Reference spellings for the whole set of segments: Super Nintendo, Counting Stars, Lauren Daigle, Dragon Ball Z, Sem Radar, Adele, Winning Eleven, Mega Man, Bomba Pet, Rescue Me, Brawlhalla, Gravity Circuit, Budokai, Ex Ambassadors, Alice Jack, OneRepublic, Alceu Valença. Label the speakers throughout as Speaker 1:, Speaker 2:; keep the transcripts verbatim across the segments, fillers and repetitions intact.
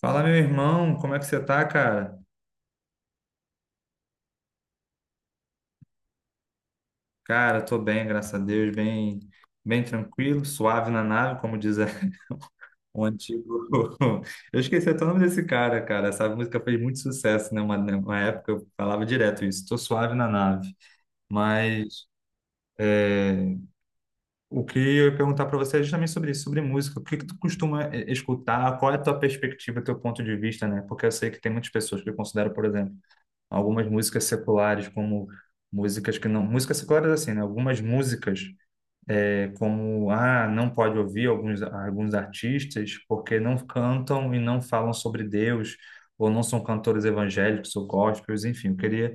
Speaker 1: Fala, meu irmão, como é que você tá, cara? Cara, tô bem, graças a Deus, bem, bem tranquilo, suave na nave, como diz a- o antigo. Eu esqueci até o nome desse cara, cara. Essa música fez muito sucesso, né? Uma, né, uma época eu falava direto isso, tô suave na nave. Mas é, o que eu ia perguntar para você é justamente sobre isso, sobre música. O que que tu costuma eh, escutar? Qual é a tua perspectiva, teu ponto de vista, né? Porque eu sei que tem muitas pessoas que eu considero, por exemplo, algumas músicas seculares como músicas que não músicas seculares, assim, né, algumas músicas é, como, ah, não pode ouvir alguns alguns artistas porque não cantam e não falam sobre Deus, ou não são cantores evangélicos ou gospels, enfim, eu queria,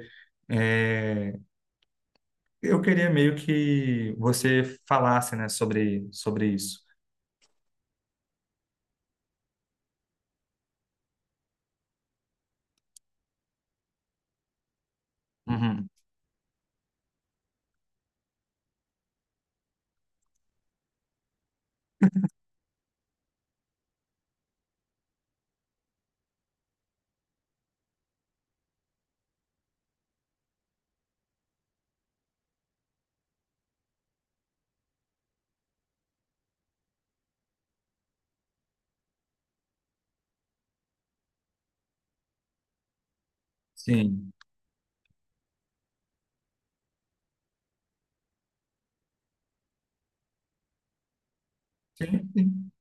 Speaker 1: é, eu queria meio que você falasse, né, sobre sobre isso. Uhum. Sim, sim, sim.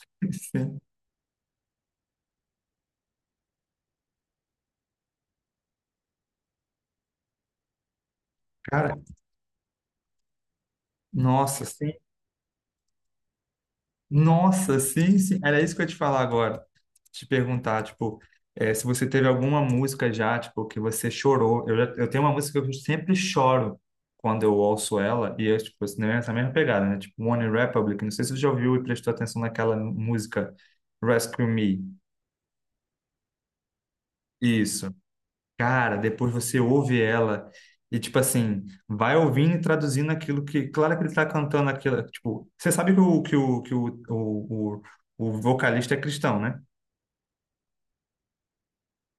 Speaker 1: Sim. Cara. Nossa, sim. Nossa, sim, sim. Era isso que eu ia te falar agora. Te perguntar, tipo, eh, se você teve alguma música já, tipo, que você chorou. Eu, já- eu tenho uma música que eu sempre choro quando eu ouço ela, e é, tipo, assim, nessa mesma pegada, né? Tipo, One Republic. Não sei se você já ouviu e prestou atenção naquela música Rescue Me. Isso. Cara, depois você ouve ela e, tipo assim, vai ouvindo e traduzindo aquilo que. Claro que ele tá cantando aquilo. Tipo, você sabe que o, que o, que o, o, o o vocalista é cristão, né?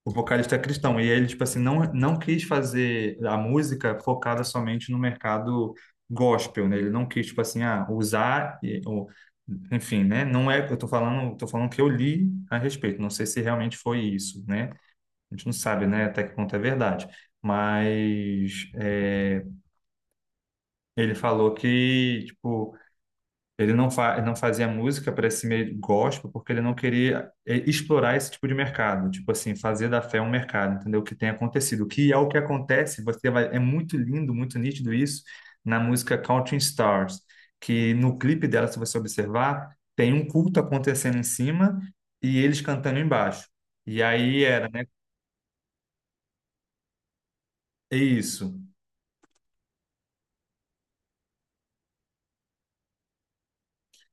Speaker 1: O vocalista é cristão. E ele, tipo assim, não, não quis fazer a música focada somente no mercado gospel, né? Ele não quis, tipo assim, ah, usar, e- ou, enfim, né? Não é, eu tô falando, tô falando que eu li a respeito. Não sei se realmente foi isso, né? A gente não sabe, né, até que ponto é verdade. Mas é, ele falou que, tipo, ele não, fa não fazia música para esse meio gospel porque ele não queria, eh, explorar esse tipo de mercado, tipo assim, fazer da fé um mercado, entendeu? O que tem acontecido, o que é o que acontece, você vai, é muito lindo, muito nítido isso na música Counting Stars, que no clipe dela, se você observar, tem um culto acontecendo em cima e eles cantando embaixo. E aí era, né? É isso.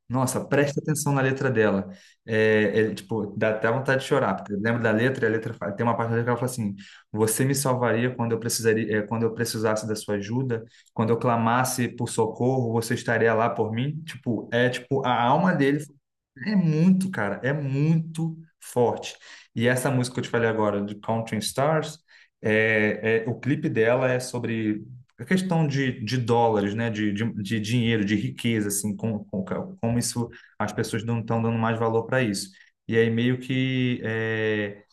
Speaker 1: Nossa, presta atenção na letra dela. É, é, tipo, dá até vontade de chorar, porque lembra da letra, e a letra fa- tem uma parte da letra que ela fala assim: Você me salvaria quando eu precisaria, é, quando eu precisasse da sua ajuda, quando eu clamasse por socorro, você estaria lá por mim. Tipo, é tipo a alma dele é muito, cara, é muito forte. E essa música que eu te falei agora, de Counting Stars, é, é- o clipe dela é sobre a questão de, de dólares, né? De, de, de dinheiro, de riqueza, assim, com, com- como isso, as pessoas não estão dando mais valor para isso. E aí meio que é,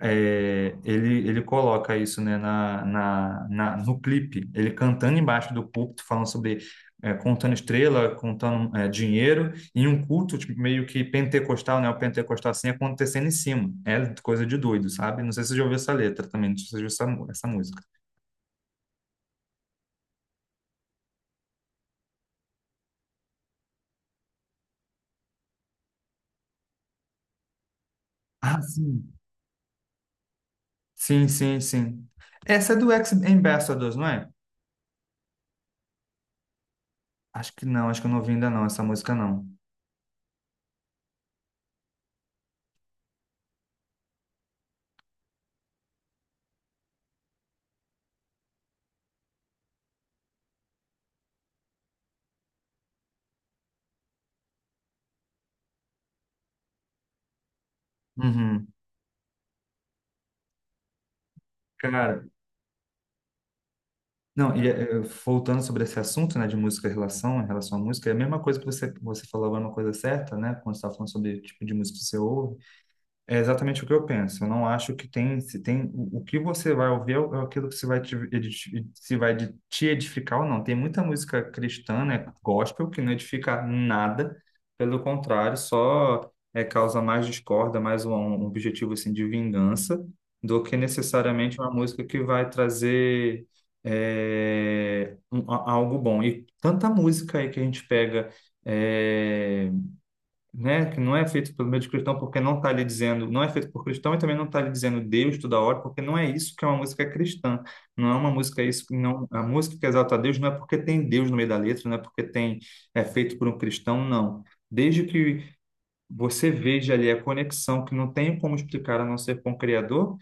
Speaker 1: é, ele, ele coloca isso, né, na, na, na- no clipe, ele cantando embaixo do púlpito, falando sobre, é, contando estrela, contando, é, dinheiro, e um culto tipo, meio que pentecostal, né, o pentecostal assim, acontecendo em cima. É coisa de doido, sabe? Não sei se você já ouviu essa letra também, não sei se você já ouviu essa, mu- essa música. Ah, sim. Sim, sim, sim. Essa é do Ex Ambassadors, não é? Acho que não, acho que eu não ouvi ainda não, essa música não. Uhum. Cara. Não, e eh, voltando sobre esse assunto, né, de música em relação, em relação à música, é a mesma coisa que você, você falou agora, uma coisa certa, né, quando você estava falando sobre o tipo de música que você ouve, é exatamente o que eu penso. Eu não acho que tem, se tem o, o que você vai ouvir é o- é aquilo que se vai te, edi- se vai de- te edificar ou não. Tem muita música cristã, né, gospel, que não edifica nada, pelo contrário, só é, causa mais discórdia, mais um, um objetivo assim de vingança, do que necessariamente uma música que vai trazer é, um- a- algo bom. E tanta música aí que a gente pega é, né, que não é feito pelo meio de cristão porque não está lhe dizendo, não é feito por cristão e também não está lhe dizendo Deus toda hora, porque não é isso que é uma música cristã. Não é uma música isso, não, a música que exalta a Deus não é porque tem Deus no meio da letra, não é porque tem é feito por um cristão, não. Desde que você veja ali a conexão que não tem como explicar a não ser com o Criador,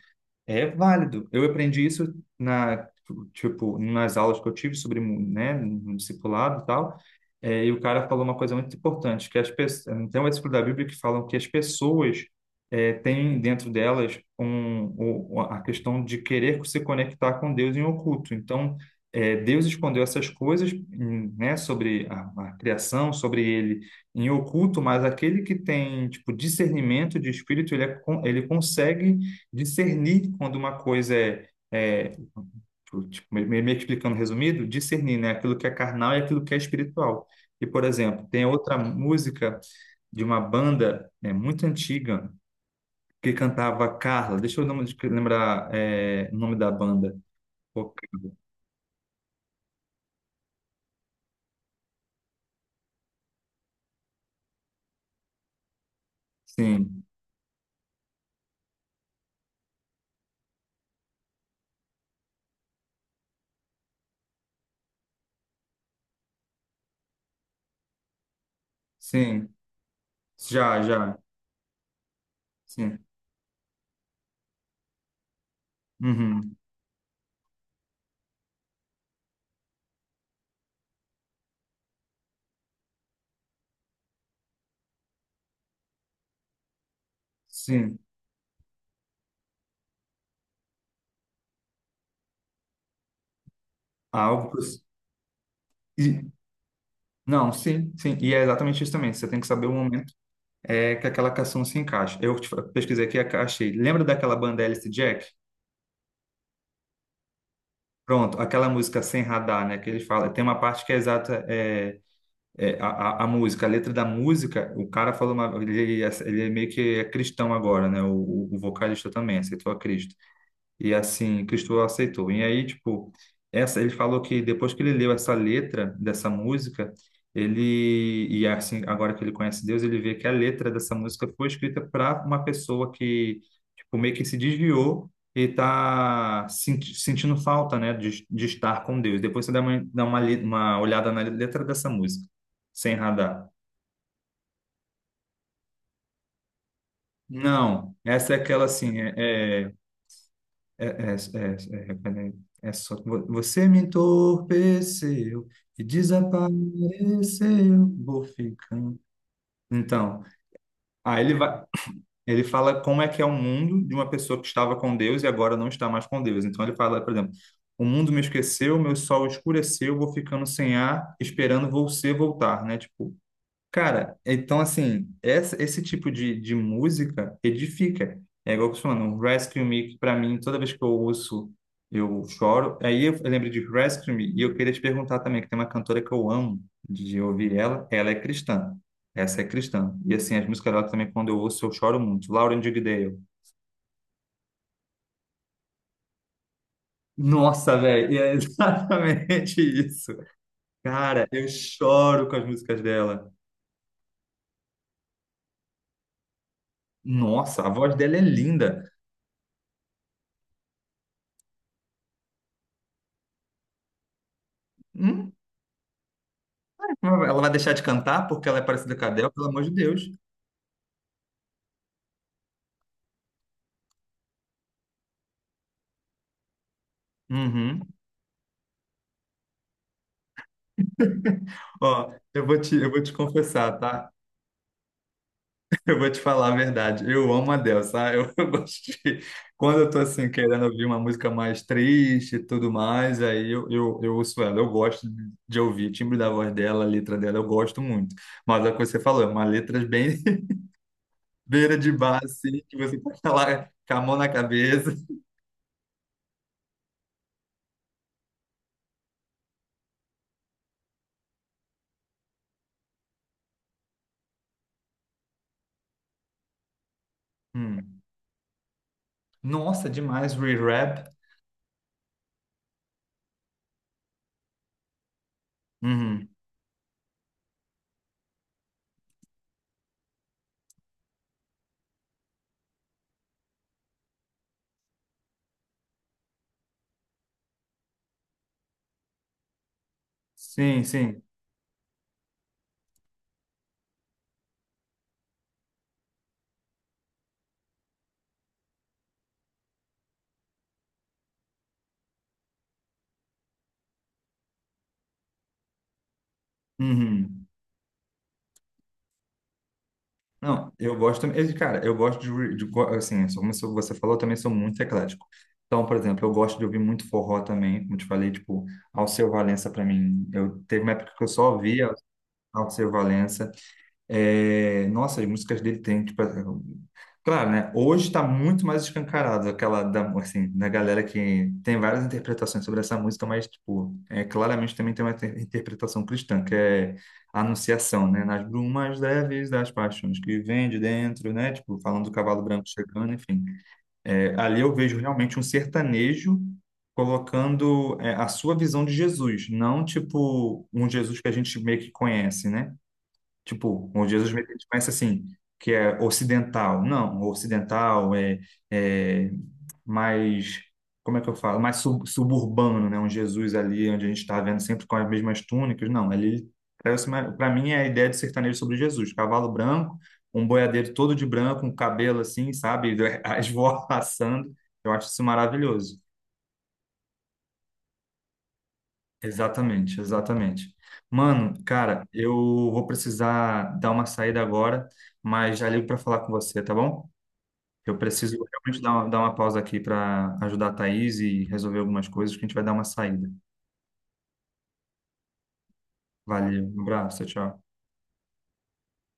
Speaker 1: é válido. Eu aprendi isso na, tipo, nas aulas que eu tive sobre, né, no discipulado e tal. É, e o cara falou uma coisa muito importante, que as pessoas, tem um versículo da Bíblia que falam que as pessoas é, têm dentro delas um, o- a questão de querer se conectar com Deus em oculto. Então, é, Deus escondeu essas coisas, em- né, sobre a, a criação, sobre ele em oculto, mas aquele que tem, tipo, discernimento de espírito, ele, é con- ele consegue discernir quando uma coisa é, é tipo, me- meio que explicando resumido, discernir, né, aquilo que é carnal e aquilo que é espiritual. E, por exemplo, tem outra música de uma banda, né, muito antiga, que cantava Carla. Deixa eu lem- lembrar, é, o nome da banda. Pô, Carla. Sim, sim, já, já, sim, uhum, sim, algo. Pros-. E, não, sim, sim, e é exatamente isso também. Você tem que saber o momento é que aquela canção se encaixa. Eu te- pesquisei aqui, achei. Lembra daquela banda Alice Jack? Pronto, aquela música Sem Radar, né? Que ele fala, tem uma parte que é exata, é, é, a, a- a música, a letra da música, o cara falou, uma, ele, é, ele é meio que é cristão agora, né? O, o vocalista também aceitou a Cristo. E assim, Cristo aceitou. E aí, tipo, essa, ele falou que depois que ele leu essa letra dessa música, ele, e assim, agora que ele conhece Deus, ele vê que a letra dessa música foi escrita para uma pessoa que, tipo, meio que se desviou e tá senti- sentindo falta, né, de, de estar com Deus. Depois você dá uma, dá uma, li- uma olhada na letra dessa música, sem radar. Não, essa é aquela assim, é, é, É, é, é, é, peraí. É só vo- você me entorpeceu e desapareceu, vou ficando. Então, aí ele vai, ele fala como é que é o mundo de uma pessoa que estava com Deus e agora não está mais com Deus. Então ele fala, por exemplo, o mundo me esqueceu, meu sol escureceu, vou ficando sem ar, esperando você voltar, né? Tipo, cara, então assim, essa- esse tipo de, de música edifica. É igual que você falando, um Rescue Me, que pra mim, toda vez que eu ouço, eu choro. Aí eu lembro de Rescue Me, e eu queria te perguntar também, que tem uma cantora que eu amo de ouvir ela, ela é cristã. Essa é cristã. E assim, as músicas dela também, quando eu ouço, eu choro muito. Lauren Daigle. Nossa, velho, é exatamente isso. Cara, eu choro com as músicas dela. Nossa, a voz dela é linda. Hum? Ela vai deixar de cantar porque ela é parecida com a Adele, pelo amor de Deus. Uhum. Ó, eu vou te, eu vou te confessar, tá? Eu vou te falar a verdade. Eu amo a Adele, sabe? Eu, eu gosto de... Quando eu tô assim, querendo ouvir uma música mais triste e tudo mais, aí eu, eu, eu ouço ela. Eu gosto de ouvir o timbre da voz dela, a letra dela, eu gosto muito. Mas é o que você falou, é uma letra bem beira de bar, assim, que você pode falar com a mão na cabeça. Hum. Nossa, demais, re-rap. Uhum. Sim, sim. Uhum. Não, eu gosto também. eh, Cara, eu gosto de, ouvir- de go- assim, só como você falou, eu também sou muito eclético. Então, por exemplo, eu gosto de ouvir muito forró também, como te falei, tipo, Alceu Valença pra mim. Eu teve uma época que eu só ouvia Alceu Valença. É, nossa, as músicas dele tem, tipo, claro, né? Hoje está muito mais escancarado aquela da, assim, da galera que tem várias interpretações sobre essa música, mas, tipo, é, claramente também tem uma inter- interpretação cristã, que é a anunciação, né? Nas brumas leves das paixões que vem de dentro, né? Tipo, falando do cavalo branco chegando, enfim. É, ali eu vejo realmente um sertanejo colocando, é, a sua visão de Jesus, não, tipo, um Jesus que a gente meio que conhece, né? Tipo, onde Jesus meio que a gente conhece assim, que é ocidental. Não, o ocidental é, é mais, como é que eu falo? Mais sub- suburbano, né? Um Jesus ali, onde a gente está vendo sempre com as mesmas túnicas. Não, ali, para mim, é a ideia de sertanejo sobre Jesus. Cavalo branco, um boiadeiro todo de branco, um cabelo assim, sabe? As vozes passando. Eu acho isso maravilhoso. Exatamente, exatamente. Mano, cara, eu vou precisar dar uma saída agora, mas já ligo para falar com você, tá bom? Eu preciso realmente dar uma, dar uma pausa aqui para ajudar a Thaís e resolver algumas coisas, que a gente vai dar uma saída. Valeu, um abraço, tchau.